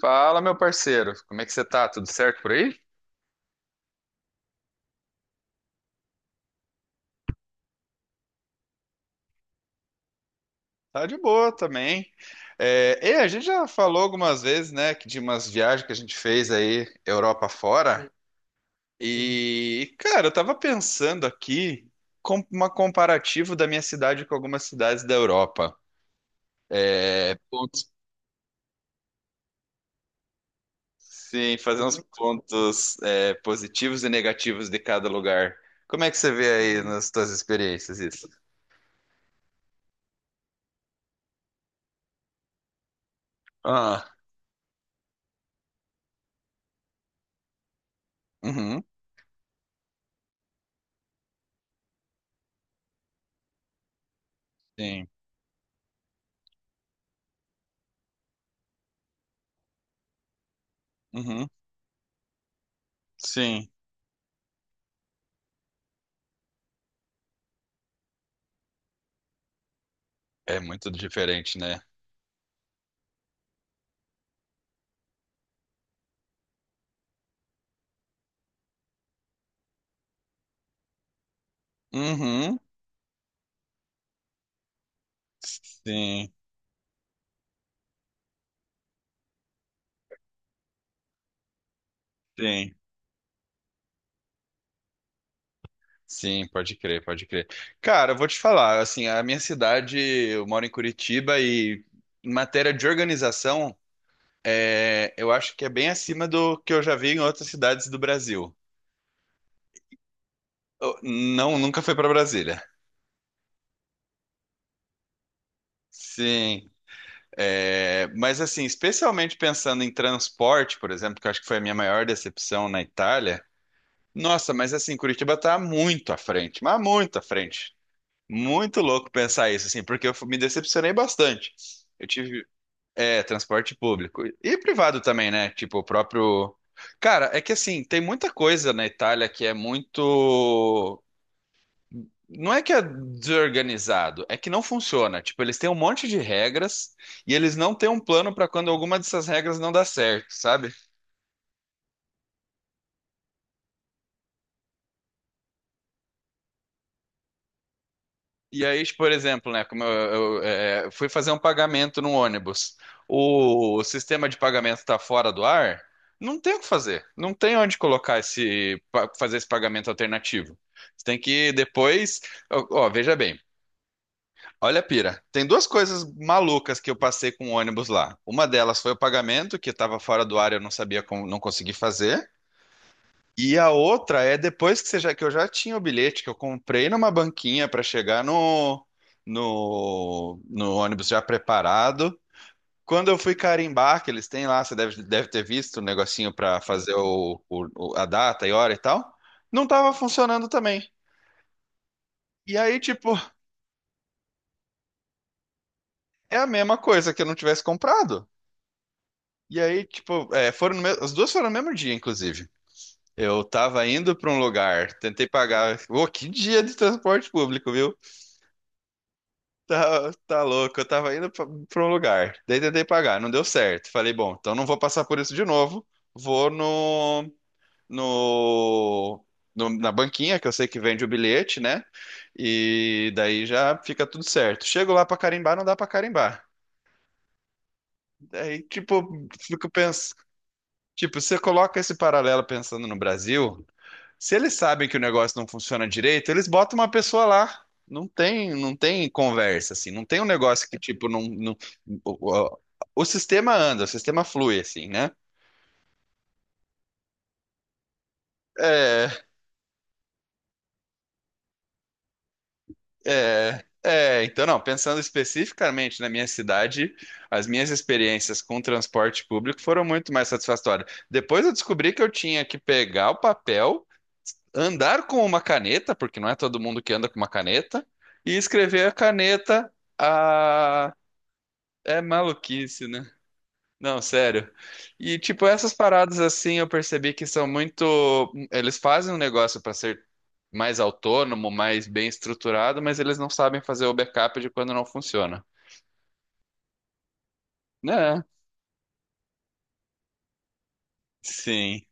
Fala, meu parceiro, como é que você tá? Tudo certo por aí? Tá de boa também. É, e a gente já falou algumas vezes, né, que de umas viagens que a gente fez aí, Europa fora. E, cara, eu tava pensando aqui com uma comparativo da minha cidade com algumas cidades da Europa. É, sim, fazer uns pontos, é, positivos e negativos de cada lugar. Como é que você vê aí nas suas experiências isso? Ah. Uhum. Sim. Uhum. Sim. É muito diferente, né? Uhum. Sim, sim. Sim, pode crer, pode crer. Cara, eu vou te falar, assim, a minha cidade, eu moro em Curitiba e em matéria de organização, é, eu acho que é bem acima do que eu já vi em outras cidades do Brasil. Não, nunca fui para Brasília. Sim, é, mas assim, especialmente pensando em transporte, por exemplo, que eu acho que foi a minha maior decepção na Itália. Nossa, mas assim, Curitiba tá muito à frente, mas muito à frente. Muito louco pensar isso, assim, porque me decepcionei bastante. Eu tive, é, transporte público e privado também, né? Tipo, o próprio. Cara, é que assim, tem muita coisa na Itália que é muito. Não é que é desorganizado, é que não funciona. Tipo, eles têm um monte de regras e eles não têm um plano para quando alguma dessas regras não dá certo, sabe? E aí, tipo, por exemplo, né, como eu, é, fui fazer um pagamento no ônibus, o sistema de pagamento está fora do ar, não tem o que fazer, não tem onde colocar fazer esse pagamento alternativo. Você tem que depois, ó, ó, veja bem, olha a pira, tem duas coisas malucas que eu passei com o ônibus lá. Uma delas foi o pagamento que estava fora do ar, e eu não sabia como, não consegui fazer. E a outra é depois que, que eu já tinha o bilhete, que eu comprei numa banquinha para chegar no ônibus já preparado. Quando eu fui carimbar, que eles têm lá, você deve ter visto o negocinho para fazer a data e hora e tal, não estava funcionando também. E aí, tipo, é a mesma coisa que eu não tivesse comprado. E aí, tipo, é, foram no me- as duas foram no mesmo dia, inclusive. Eu tava indo para um lugar, tentei pagar. Ô, que dia de transporte público, viu? Tá, tá louco, eu tava indo pra um lugar, daí tentei pagar, não deu certo. Falei, bom, então não vou passar por isso de novo, vou no, na banquinha, que eu sei que vende o bilhete, né? E daí já fica tudo certo. Chego lá pra carimbar, não dá pra carimbar. Daí, tipo, fico pensando, tipo, você coloca esse paralelo pensando no Brasil. Se eles sabem que o negócio não funciona direito, eles botam uma pessoa lá. Não tem, não tem conversa, assim. Não tem um negócio que, tipo, o, o- o sistema anda, o sistema flui, assim, né? É, é, é. Então, não, pensando especificamente na minha cidade, as minhas experiências com transporte público foram muito mais satisfatórias. Depois eu descobri que eu tinha que pegar o papel, andar com uma caneta, porque não é todo mundo que anda com uma caneta, e escrever a caneta. É maluquice, né? Não, sério. E tipo, essas paradas assim, eu percebi que são muito, eles fazem um negócio para ser mais autônomo, mais bem estruturado, mas eles não sabem fazer o backup de quando não funciona. Né? Sim.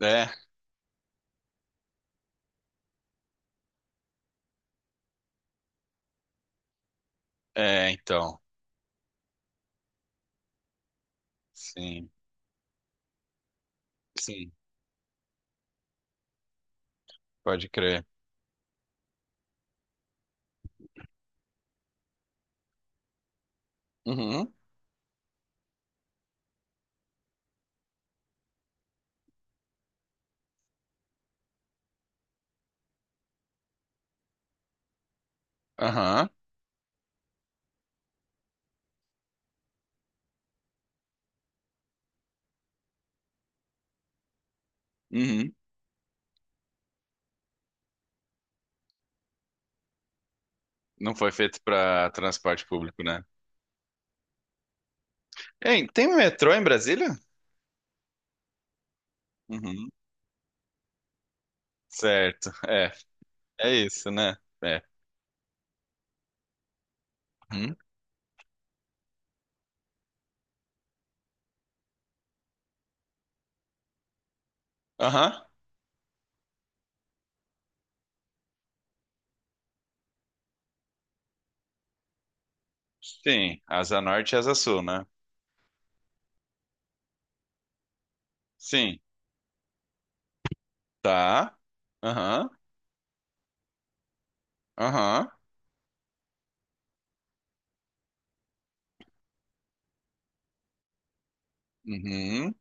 É, é, então. Sim. Sim, pode crer. Uhum. Aham. Uhum. Não foi feito para transporte público, né? Ei, tem metrô em Brasília? Uhum. Certo. É, é isso, né? É. Uhum. Aham. Sim, asa norte e asa sul, né? Sim, tá. Aham, aham, uhum.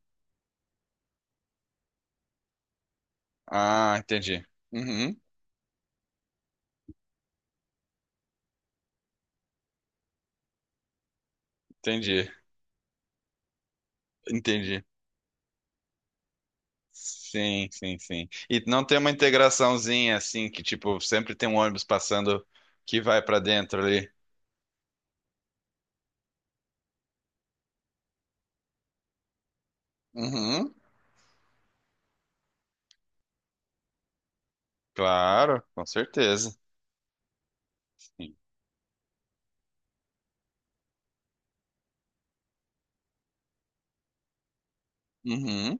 Ah, entendi. Uhum, entendi, entendi. Sim, sim, sim. E não tem uma integraçãozinha assim, que tipo, sempre tem um ônibus passando que vai pra dentro ali. Uhum, claro, com certeza. Sim. Uhum.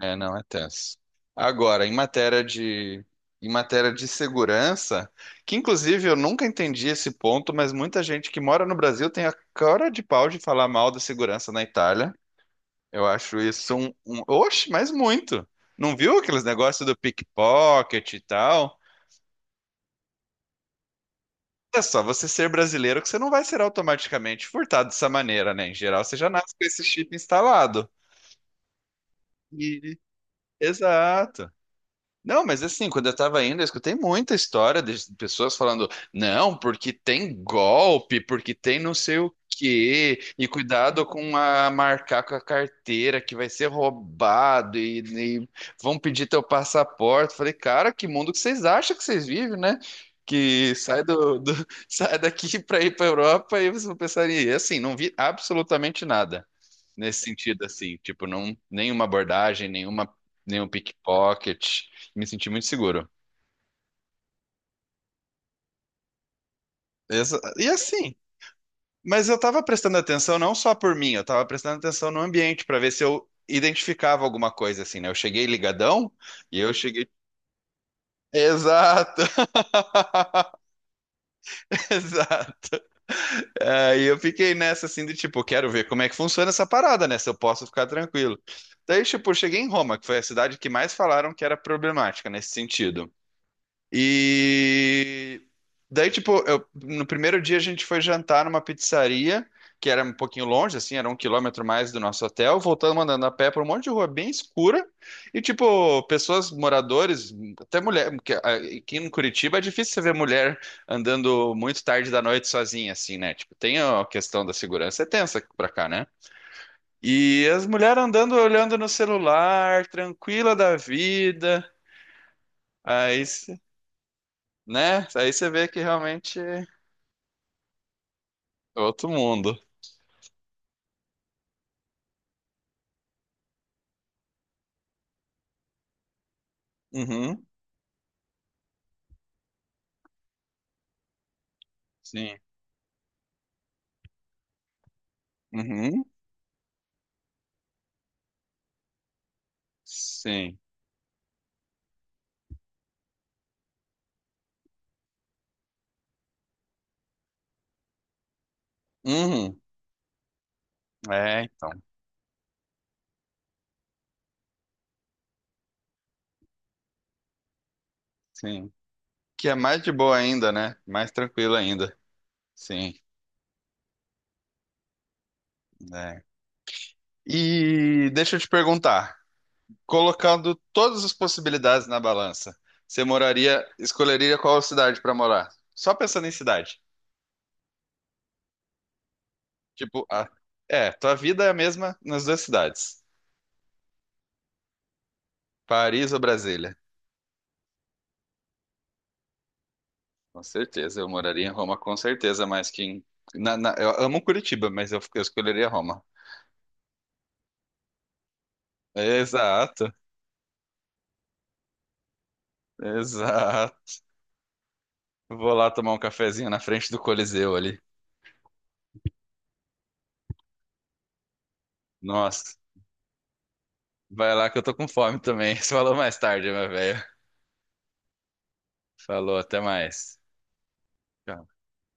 É, não, é tenso. Agora, em matéria de segurança, que inclusive eu nunca entendi esse ponto, mas muita gente que mora no Brasil tem a cara de pau de falar mal da segurança na Itália. Eu acho isso um... Oxe, mas muito. Não viu aqueles negócios do pickpocket e tal? É só você ser brasileiro que você não vai ser automaticamente furtado dessa maneira, né? Em geral, você já nasce com esse chip instalado. E... Exato. Não, mas assim, quando eu tava indo, eu escutei muita história de pessoas falando, não, porque tem golpe, porque tem não sei o quê, e cuidado com a marcar com a carteira que vai ser roubado e vão pedir teu passaporte. Falei, cara, que mundo que vocês acham que vocês vivem, né? Que sai sai daqui para ir para Europa e vocês vão pensar, e assim, não vi absolutamente nada nesse sentido, assim, tipo, não, nenhuma abordagem, nenhuma, nenhum pickpocket. Me senti muito seguro. E assim, mas eu tava prestando atenção não só por mim, eu tava prestando atenção no ambiente pra ver se eu identificava alguma coisa, assim, né? Eu cheguei ligadão e eu cheguei. Exato! Exato. Aí eu fiquei nessa assim de tipo, quero ver como é que funciona essa parada, né? Se eu posso ficar tranquilo. Daí, tipo, eu cheguei em Roma, que foi a cidade que mais falaram que era problemática nesse sentido. E daí, tipo, no primeiro dia a gente foi jantar numa pizzaria, que era um pouquinho longe, assim, era 1 km mais do nosso hotel, voltando andando a pé por um monte de rua bem escura, e, tipo, pessoas, moradores, até mulher, porque ah, aqui em Curitiba é difícil você ver mulher andando muito tarde da noite sozinha, assim, né? Tipo, tem a questão da segurança, é tensa pra cá, né? E as mulheres andando, olhando no celular, tranquila da vida. Aí, né? Aí você vê que realmente é outro mundo. Uhum, sim. Uhum, sim. Uhum. É, então, sim. Que é mais de boa ainda, né? Mais tranquilo ainda. Sim, né? E deixa eu te perguntar, colocando todas as possibilidades na balança, você moraria, escolheria qual cidade para morar? Só pensando em cidade. Tipo, é, tua vida é a mesma nas duas cidades, Paris ou Brasília. Com certeza, eu moraria em Roma, com certeza, mas quem. Eu amo Curitiba, mas eu escolheria Roma. Exato, exato. Vou lá tomar um cafezinho na frente do Coliseu ali. Nossa, vai lá que eu tô com fome também. falou mais tarde, meu velho. Falou, até mais. Tchau.